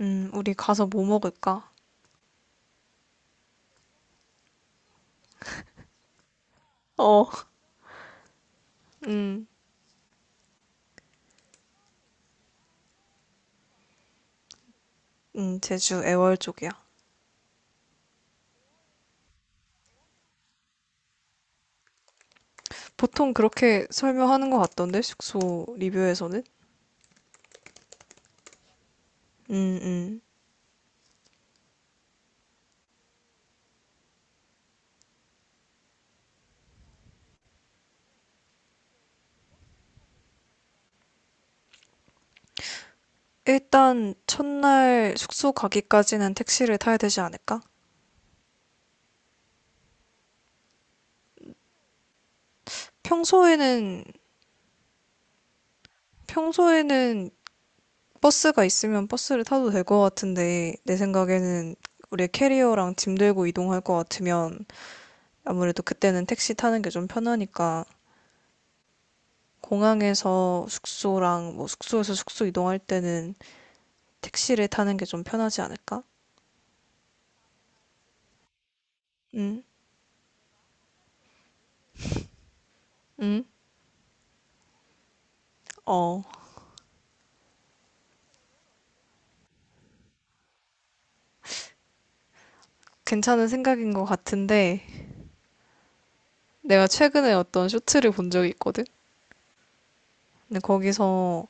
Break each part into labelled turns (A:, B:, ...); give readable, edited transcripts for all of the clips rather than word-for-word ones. A: 우리 가서 뭐 먹을까? 어, 음, 제주 애월 쪽이야. 보통 그렇게 설명하는 것 같던데, 숙소 리뷰에서는? 음, 음. 일단, 첫날 숙소 가기까지는 택시를 타야 되지 않을까? 평소에는, 평소에는 버스가 있으면 버스를 타도 될 것 같은데, 내 생각에는 우리 캐리어랑 짐 들고 이동할 것 같으면, 아무래도 그때는 택시 타는 게 좀 편하니까, 공항에서 숙소랑 뭐 숙소에서 숙소 이동할 때는 택시를 타는 게 좀 편하지 않을까? 응? 응? 어, 괜찮은 생각인 것 같은데 내가 최근에 어떤 쇼츠를 본 적이 있거든? 근데 거기서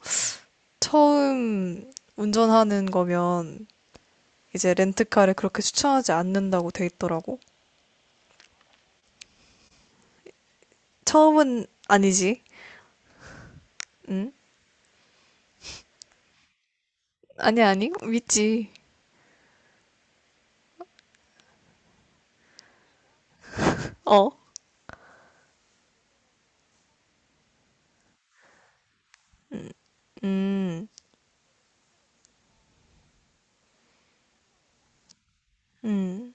A: 처음 운전하는 거면 이제 렌트카를 그렇게 추천하지 않는다고 돼 있더라고. 처음은 아니지. 응? 아니, 아니. 믿지. 어. 음, 음,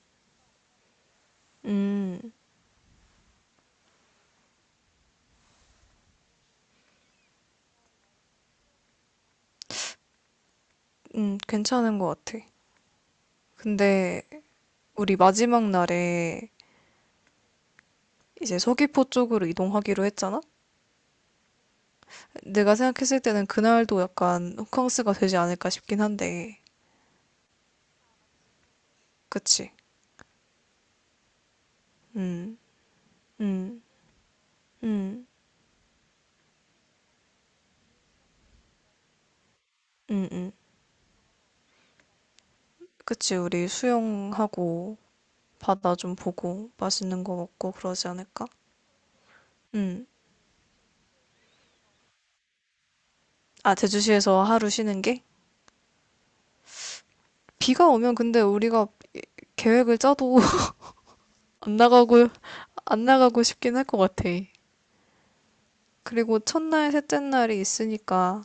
A: 음, 괜찮은 것 같아. 근데 우리 마지막 날에 이제 서귀포 쪽으로 이동하기로 했잖아? 내가 생각했을 때는 그날도 약간 호캉스가 되지 않을까 싶긴 한데, 그치? 음, 음, 음, 음, 음. 그치, 우리 수영하고 바다 좀 보고 맛있는 거 먹고 그러지 않을까? 음. 아, 제주시에서 하루 쉬는 게? 비가 오면 근데 우리가 계획을 짜도 안 나가고, 안 나가고 싶긴 할 것 같아. 그리고 첫날, 셋째 날이 있으니까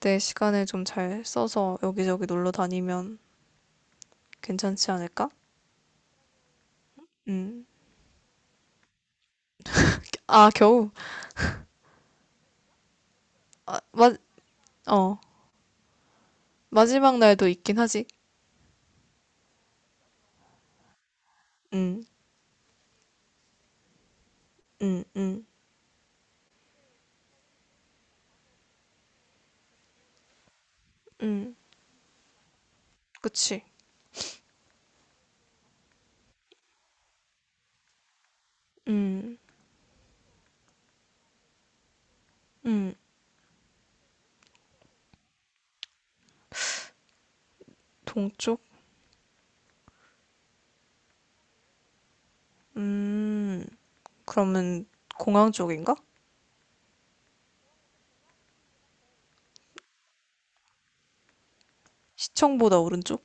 A: 내 시간을 좀 잘 써서 여기저기 놀러 다니면 괜찮지 않을까? 음. 아, 겨우. 아, 마, 어. 마지막 날도 있긴 하지. 음, 음, 음, 음. 그치. 음, 음. 동쪽? 음. 그러면 공항 쪽인가? 시청보다 오른쪽?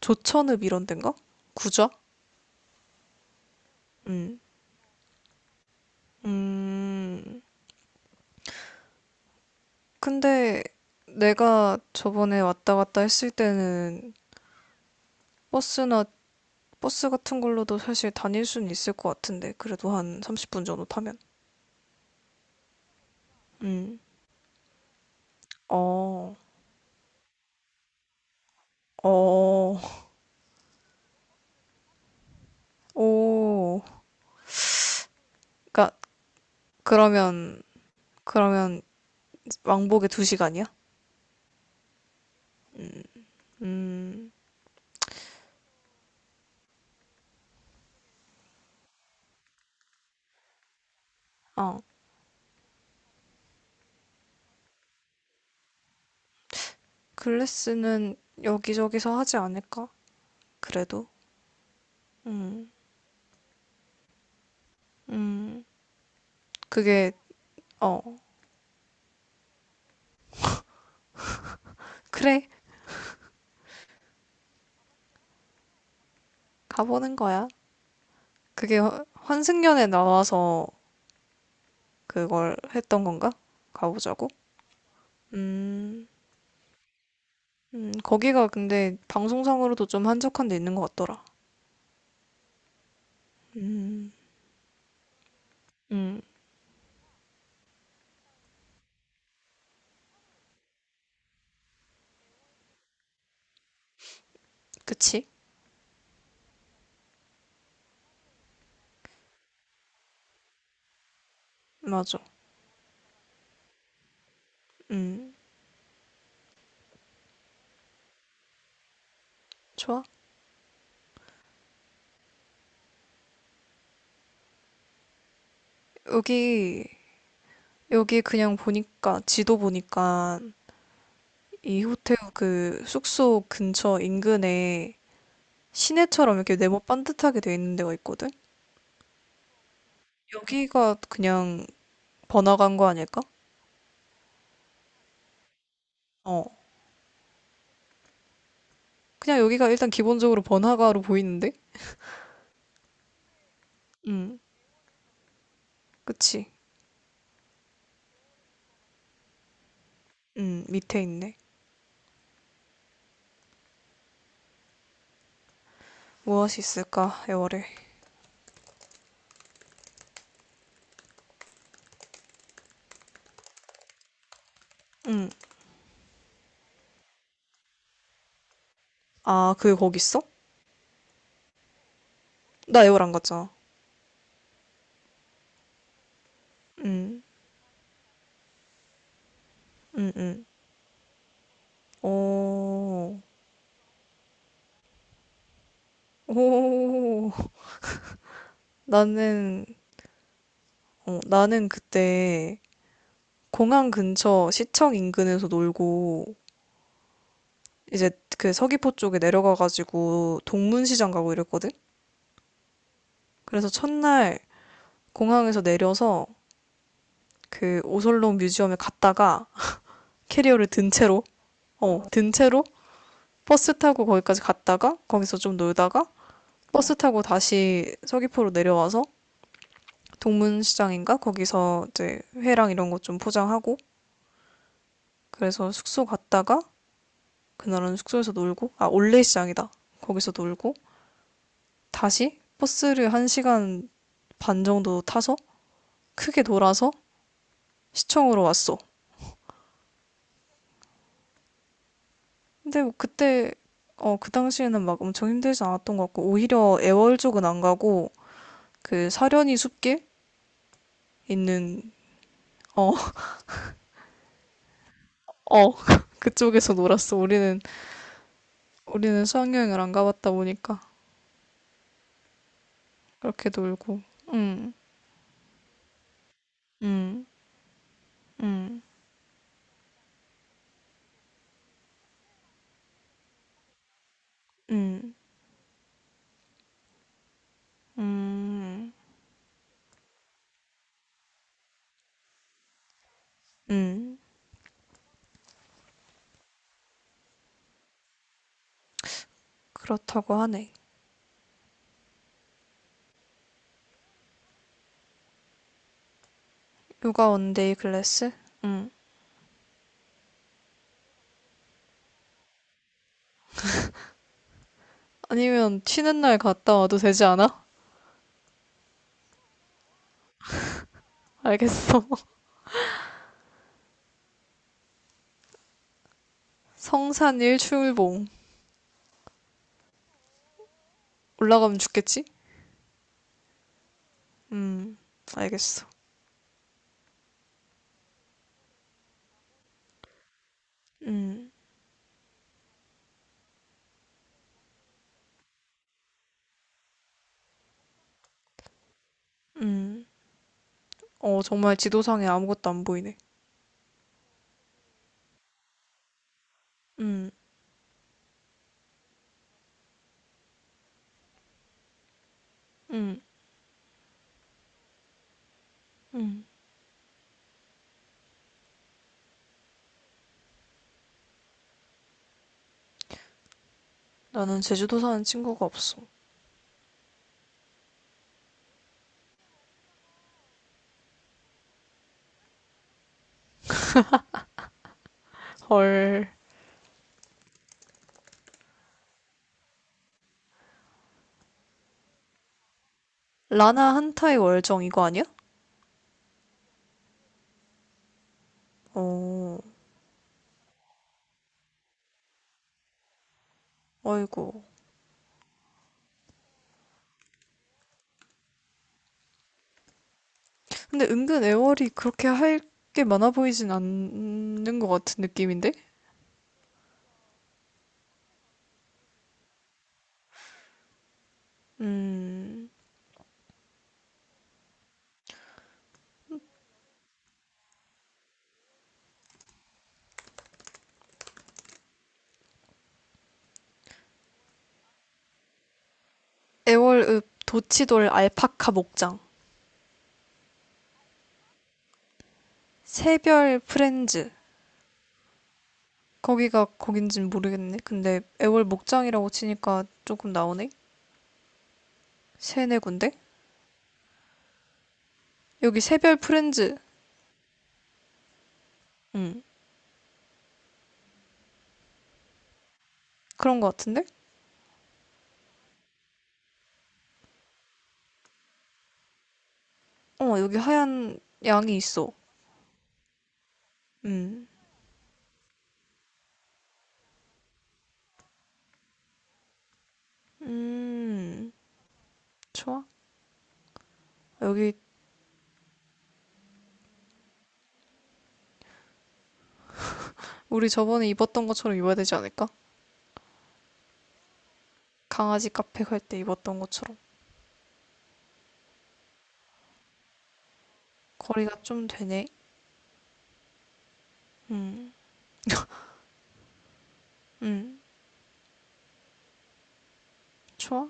A: 조천읍 이런 데인가? 구좌? 음, 음. 근데 내가 저번에 왔다 갔다 했을 때는 버스나 버스 같은 걸로도 사실 다닐 수는 있을 것 같은데, 그래도 한 30분 정도 타면. 음. 어, 어, 오. 그러니까, 그러면, 그러면 왕복에 두 시간이야. 음, 어. 글래스는 여기저기서 하지 않을까? 그래도. 음, 음. 그게, 어. 그래, 가보는 거야. 그게 환승연에 나와서 그걸 했던 건가? 가보자고? 음. 거기가 근데 방송상으로도 좀 한적한 데 있는 것 같더라. 음, 음, 그치? 맞아. 음, 좋아. 여기, 여기 그냥 보니까, 지도 보니까, 이 호텔 그 숙소 근처 인근에 시내처럼 이렇게 네모 반듯하게 돼 있는 데가 있거든? 여기가 그냥 번화가인 거 아닐까? 어. 그냥 여기가 일단 기본적으로 번화가로 보이는데? 음, 그치? 밑에 있네. 무엇이 있을까, 애월에. 음. 아, 그게 거기 있어? 나 에어안 갔잖아. 응, 응, 응. 오, 오. 나는, 어, 나는 그때 공항 근처 시청 인근에서 놀고, 이제 그 서귀포 쪽에 내려가가지고 동문시장 가고 이랬거든? 그래서 첫날 공항에서 내려서 그 오설록 뮤지엄에 갔다가 캐리어를 든 채로, 어, 든 채로 버스 타고 거기까지 갔다가 거기서 좀 놀다가 버스 타고 다시 서귀포로 내려와서 동문시장인가? 거기서 이제 회랑 이런 것 좀 포장하고 그래서 숙소 갔다가 그날은 숙소에서 놀고 아 올레시장이다. 거기서 놀고 다시 버스를 1시간 반 정도 타서 크게 돌아서 시청으로 왔어. 근데 뭐 그때 어 그 당시에는 막 엄청 힘들지 않았던 것 같고 오히려 애월 쪽은 안 가고 그 사려니 숲길 있는 어 어, 그쪽에서 놀았어. 우리는 수학여행을 안 가봤다 보니까 그렇게 놀고 음. 음, 음, 음, 음, 음. 음, 음, 음, 음, 음, 음, 음, 음, 음, 음, 음, 음, 음, 음, 그렇다고 하네. 요가 원데이 클래스? 음. 아니면 쉬는 날 갔다 와도 되지 않아? 알겠어. 성산 일출봉. 올라가면 죽겠지? 음, 알겠어. 음, 음. 어, 정말 지도상에 아무것도 안 보이네. 음, 음, 음. 나는 제주도 사는 친구가 없어. 헐. 라나 한타의 월정 이거 아니야? 어, 아이고. 근데 은근 애월이 그렇게 할 게 많아 보이진 않는 것 같은 느낌인데? 음, 애월읍 도치돌 알파카 목장. 새별 프렌즈. 거기가 거긴진 모르겠네. 근데 애월 목장이라고 치니까 조금 나오네? 세네 군데? 여기 새별 프렌즈. 음, 그런 것 같은데? 어, 여기 하얀 양이 있어. 음, 음, 좋아. 여기 우리 저번에 입었던 것처럼 입어야 되지 않을까? 강아지 카페 갈 때 입었던 것처럼. 거리가 좀 되네. 음, 음, 좋아.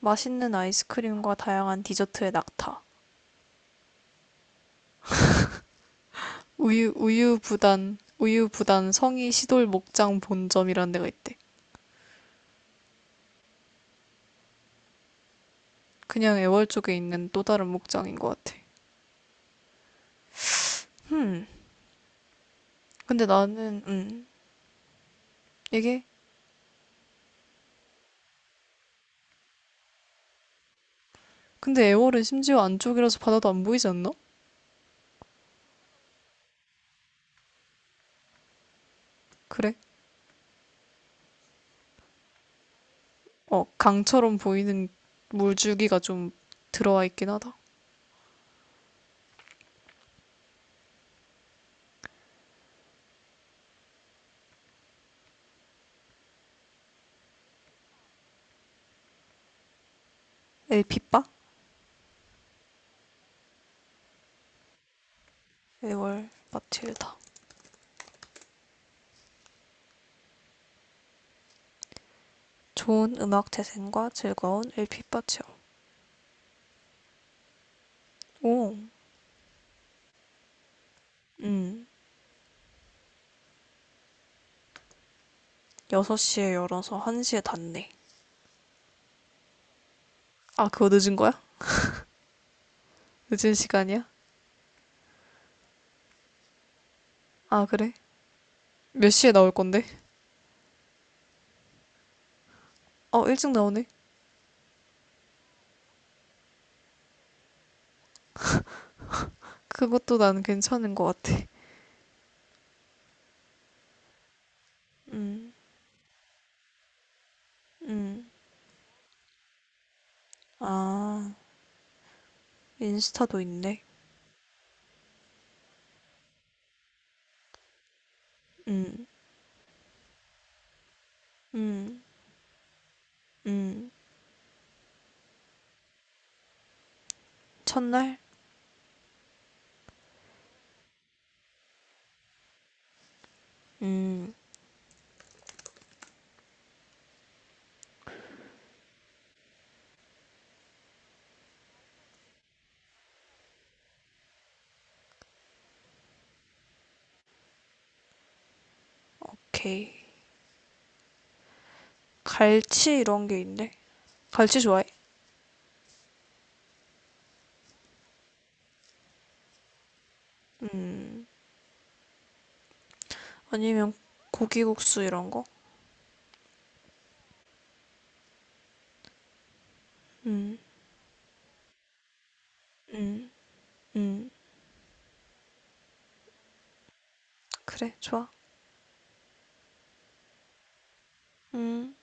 A: 맛있는 아이스크림과 다양한 디저트의 낙타. 우유부단 성이 시돌 목장 본점이라는 데가 있대. 그냥 애월 쪽에 있는 또 다른 목장인 것 같아. 흠, 근데 나는, 이게? 근데 애월은 심지어 안쪽이라서 바다도 안 보이지 않나? 그래. 어, 강처럼 보이는 물줄기가 좀 들어와 있긴 하다. 엘피빠? 애월 마틸다. 좋은 음악 재생과 즐거운 엘피 파티요. 오, 음. 6시에 열어서 1시에 닫네. 아, 그거 늦은 거야? 늦은 시간이야? 아, 그래? 몇 시에 나올 건데? 어, 일찍 나오네. 그것도 난 괜찮은 것 같아. 음, 음. 아, 인스타도 있네. 음, 음, 음. 첫날? 음, 오케이. 갈치 이런 게 있네. 갈치 좋아해? 아니면 고기국수 이런 거? 음, 음, 음. 그래, 좋아. 음.